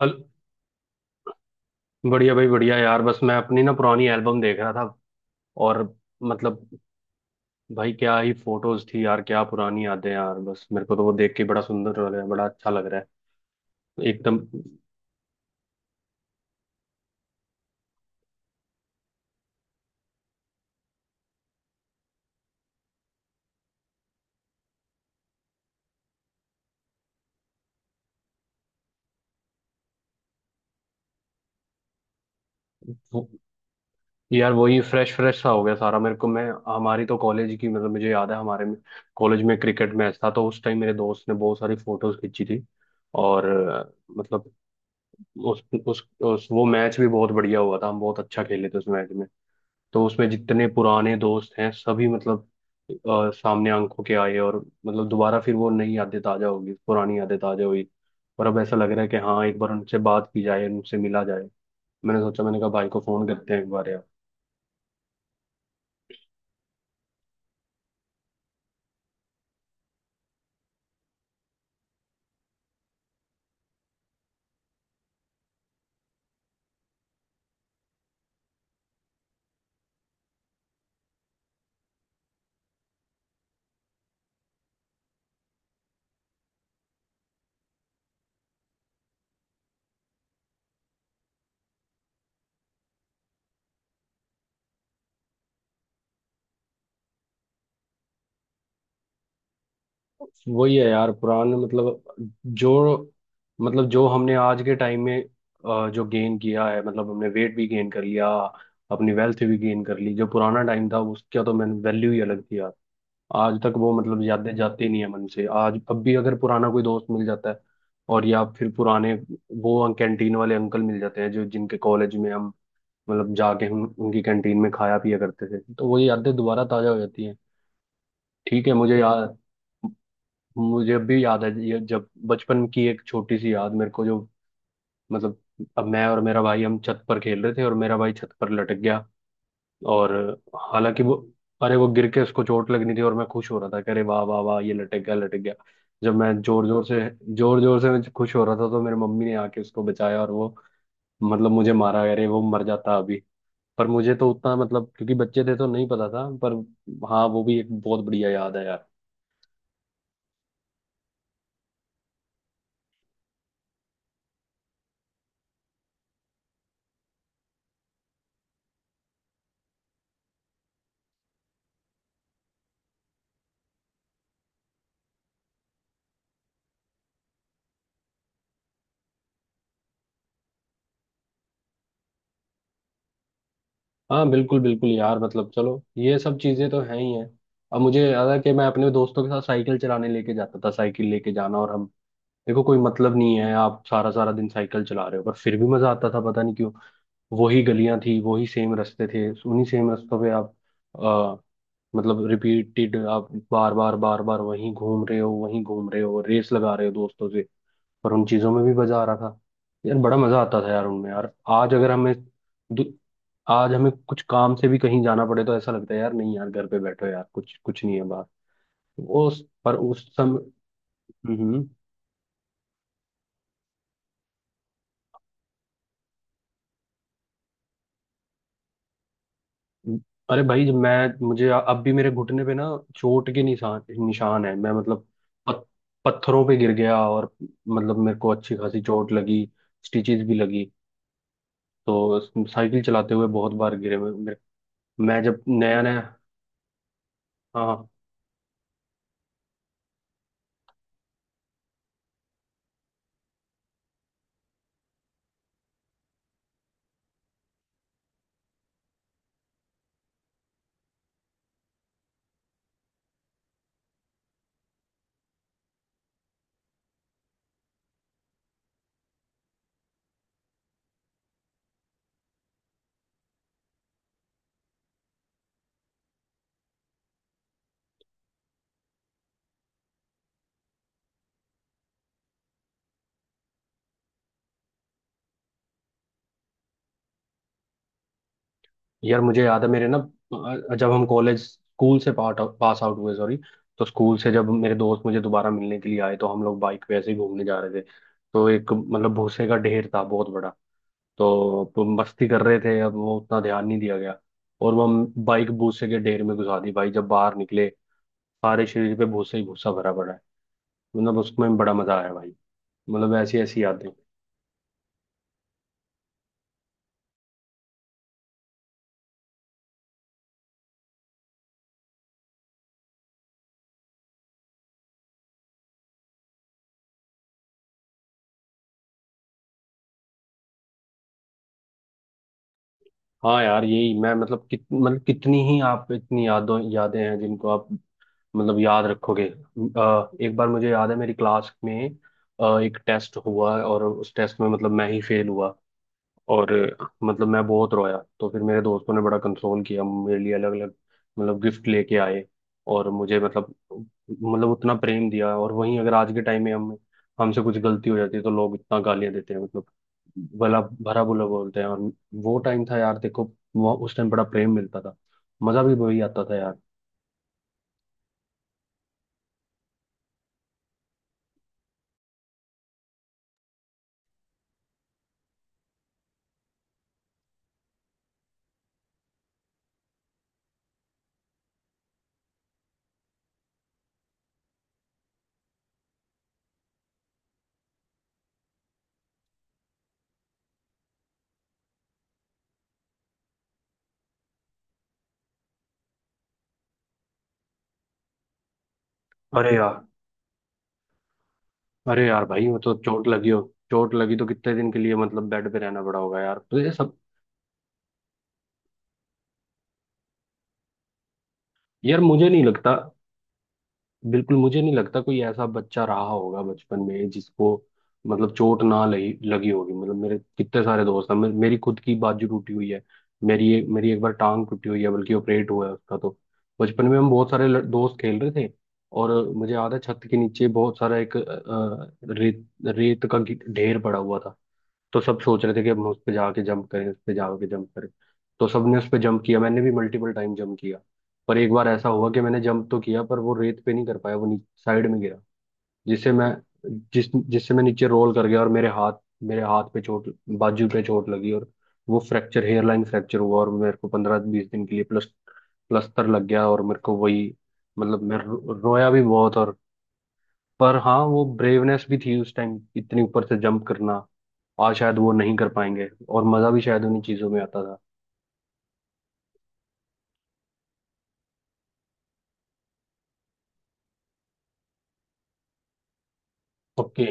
हल। बढ़िया भाई, बढ़िया यार, बस मैं अपनी ना पुरानी एल्बम देख रहा था। और मतलब भाई क्या ही फोटोज थी यार, क्या पुरानी यादें यार, बस मेरे को तो वो देख के बड़ा सुंदर लग रहा है, बड़ा अच्छा लग रहा है एकदम। वो- यार, वही फ्रेश फ्रेश सा हो गया सारा मेरे को। मैं, हमारी तो कॉलेज की, मतलब, मुझे याद है हमारे में कॉलेज में क्रिकेट मैच था, तो उस टाइम मेरे दोस्त ने बहुत सारी फोटोज खींची थी। और मतलब उस उस वो मैच भी बहुत बढ़िया हुआ था, हम बहुत अच्छा खेले थे उस मैच में। तो उसमें जितने पुराने दोस्त हैं सभी, मतलब सामने आंखों के आए, और मतलब दोबारा फिर वो नई यादें ताजा होगी, पुरानी यादें ताजा हुई। और अब ऐसा लग रहा है कि हाँ, एक बार उनसे बात की जाए, उनसे मिला जाए। मैंने सोचा, मैंने कहा भाई को फोन करते हैं एक बार यार। वही है यार पुराने, मतलब जो जो हमने आज के टाइम में जो गेन किया है, मतलब हमने वेट भी गेन कर लिया, अपनी वेल्थ भी गेन कर ली। जो पुराना टाइम था उसका तो मैंने वैल्यू ही अलग थी यार। आज तक वो, मतलब, यादें जाती नहीं है मन से। आज अब भी अगर पुराना कोई दोस्त मिल जाता है, और या फिर पुराने वो कैंटीन वाले अंकल मिल जाते हैं, जो, जिनके कॉलेज में हम, मतलब, जाके हम उनकी कैंटीन में खाया पिया करते थे, तो वो यादें दोबारा ताजा हो जाती हैं। ठीक है। मुझे अब भी याद है, ये जब बचपन की एक छोटी सी याद मेरे को, जो, मतलब, अब मैं और मेरा भाई हम छत पर खेल रहे थे, और मेरा भाई छत पर लटक गया। और हालांकि वो अरे, वो गिर के उसको चोट लगनी थी और मैं खुश हो रहा था कि अरे वाह वाह वाह, ये लटक गया, लटक गया। जब मैं जोर जोर से मैं खुश हो रहा था, तो मेरी मम्मी ने आके उसको बचाया, और वो, मतलब, मुझे मारा, अरे वो मर जाता अभी। पर मुझे तो उतना मतलब, क्योंकि बच्चे थे तो नहीं पता था, पर हाँ, वो भी एक बहुत बढ़िया याद है यार। हाँ बिल्कुल बिल्कुल यार, मतलब चलो, ये सब चीजें तो हैं ही हैं। अब मुझे याद है कि मैं अपने दोस्तों के साथ साइकिल चलाने लेके जाता था, साइकिल लेके जाना, और हम, देखो, कोई मतलब नहीं है, आप सारा सारा दिन साइकिल चला रहे हो, पर फिर भी मजा आता था, पता नहीं क्यों। वही गलियां थी, वही सेम रास्ते थे, उन्हीं सेम रास्तों पे आप आ, मतलब रिपीटेड, आप बार बार बार बार वहीं घूम रहे हो, वहीं घूम रहे हो, रेस लगा रहे हो दोस्तों से, पर उन चीजों में भी मजा आ रहा था। यार, बड़ा मजा आता था यार उनमें यार। आज अगर हमें, दु- आज हमें कुछ काम से भी कहीं जाना पड़े, तो ऐसा लगता है यार, नहीं यार, घर पे बैठो यार, कुछ, कुछ नहीं है बात। उस समय। अरे भाई, जब मैं, मुझे अब भी मेरे घुटने पे ना चोट के निशान निशान है, मैं मतलब पत, पत्थरों पे गिर गया और मतलब मेरे को अच्छी खासी चोट लगी, स्टिचेस भी लगी। तो साइकिल चलाते हुए बहुत बार गिरे। मैं जब नया नया, हाँ हाँ। यार मुझे याद है, मेरे ना जब हम कॉलेज स्कूल से पास पास आउट हुए, सॉरी, तो स्कूल से जब मेरे दोस्त मुझे दोबारा मिलने के लिए आए, तो हम लोग बाइक पे ऐसे ही घूमने जा रहे थे। तो एक, मतलब, भूसे का ढेर था बहुत बड़ा। तो तुम मस्ती कर रहे थे, अब वो उतना ध्यान नहीं दिया गया, और वो हम बाइक भूसे के ढेर में घुसा दी भाई। जब बाहर निकले, सारे शरीर पे भूसा ही भूसा भरा पड़ा है। मतलब उसमें बड़ा मजा आया भाई, मतलब ऐसी ऐसी यादें। हाँ यार, यही मैं, मतलब मतलब कितनी ही आप, इतनी यादों यादें हैं जिनको आप, मतलब, याद रखोगे। एक बार मुझे याद है, मेरी क्लास में एक टेस्ट हुआ, और उस टेस्ट में, मतलब, मैं ही फेल हुआ। और मतलब मैं बहुत रोया, तो फिर मेरे दोस्तों ने बड़ा कंसोल किया मेरे लिए, अलग अलग, मतलब, गिफ्ट लेके आए। और मुझे, मतलब उतना प्रेम दिया। और वहीं अगर आज के टाइम में हम हमसे कुछ गलती हो जाती है, तो लोग इतना गालियां देते हैं, मतलब भला भरा बुरा बोलते हैं। और वो टाइम था यार, देखो, वो उस टाइम बड़ा प्रेम मिलता था, मजा भी वही आता था यार। अरे यार अरे यार भाई, वो तो चोट लगी हो, चोट लगी तो कितने दिन के लिए मतलब बेड पे रहना पड़ा होगा यार, तो ये सब। यार मुझे नहीं लगता, बिल्कुल मुझे नहीं लगता कोई ऐसा बच्चा रहा होगा बचपन में जिसको, मतलब, चोट ना लगी लगी होगी। मतलब मेरे कितने सारे दोस्त हैं, मेरी खुद की बाजू टूटी हुई है। मेरी एक बार टांग टूटी हुई है, बल्कि ऑपरेट हुआ है उसका तो। बचपन में हम बहुत सारे दोस्त खेल रहे थे, और मुझे याद है छत के नीचे बहुत सारा एक रेत रेत का ढेर पड़ा हुआ था। तो सब सोच रहे थे कि हम उस पे जाके जंप करें, उस पे जाके जंप करें। तो सबने उस पे जंप किया, मैंने भी मल्टीपल टाइम जंप किया। पर एक बार ऐसा हुआ कि मैंने जंप तो किया, पर वो रेत पे नहीं कर पाया, वो साइड में गिरा। जिससे मैं जिस जिससे मैं नीचे रोल कर गया, और मेरे हाथ पे चोट बाजू पे चोट लगी, और वो फ्रैक्चर हेयरलाइन फ्रैक्चर हुआ, और मेरे को पंद्रह बीस दिन के लिए प्लस्तर लग गया। और मेरे को वही, मतलब, मैं रोया भी बहुत, और पर हाँ, वो ब्रेवनेस भी थी उस टाइम, इतने ऊपर से जंप करना आज शायद वो नहीं कर पाएंगे, और मजा भी शायद उन्हीं चीजों में आता था। ओके।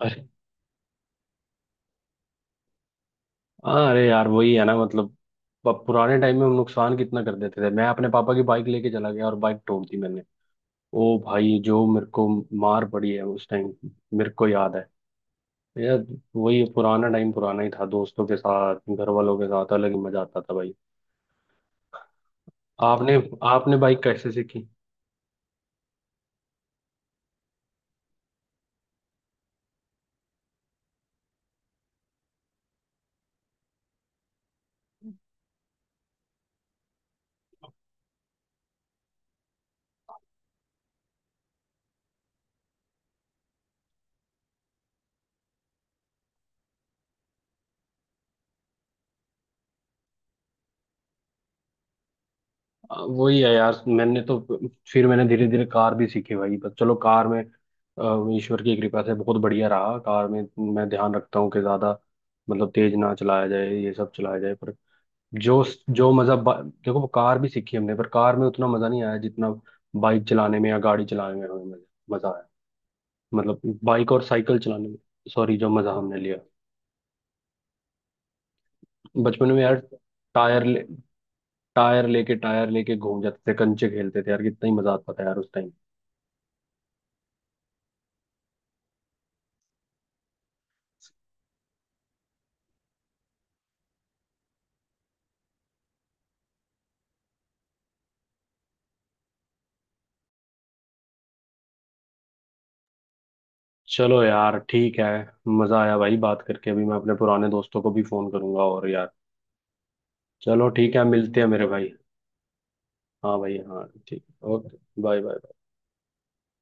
अरे हाँ, अरे यार, वही है ना मतलब, पुराने टाइम में हम नुकसान कितना कर देते थे। मैं अपने पापा की बाइक लेके चला गया, और बाइक तोड़ दी मैंने। ओ भाई, जो मेरे को मार पड़ी है उस टाइम, मेरे को याद है यार। वही पुराना टाइम पुराना ही था, दोस्तों के साथ, घर वालों के साथ अलग ही मजा आता था भाई। आपने आपने बाइक कैसे सीखी? वही है यार, मैंने तो फिर मैंने धीरे धीरे कार भी सीखी भाई, पर चलो, कार में ईश्वर की कृपा से बहुत बढ़िया रहा। कार में मैं ध्यान रखता हूँ कि ज्यादा, मतलब, तेज ना चलाया जाए, ये सब चलाया जाए, पर जो, जो मजा देखो, वो कार भी सीखी हमने, पर कार में उतना मजा नहीं आया जितना बाइक चलाने में या गाड़ी चलाने में हमें मजा, मजा आया, मतलब बाइक और साइकिल चलाने में, सॉरी, जो मजा हमने लिया बचपन में यार। टायर ले टायर लेके घूम जाते थे, कंचे खेलते थे यार, कितना ही मजा आता था यार उस टाइम। चलो यार, ठीक है। मजा आया भाई बात करके। अभी मैं अपने पुराने दोस्तों को भी फोन करूंगा, और यार, चलो ठीक है, मिलते हैं मेरे भाई। हाँ भाई हाँ, ठीक, ओके, बाय बाय।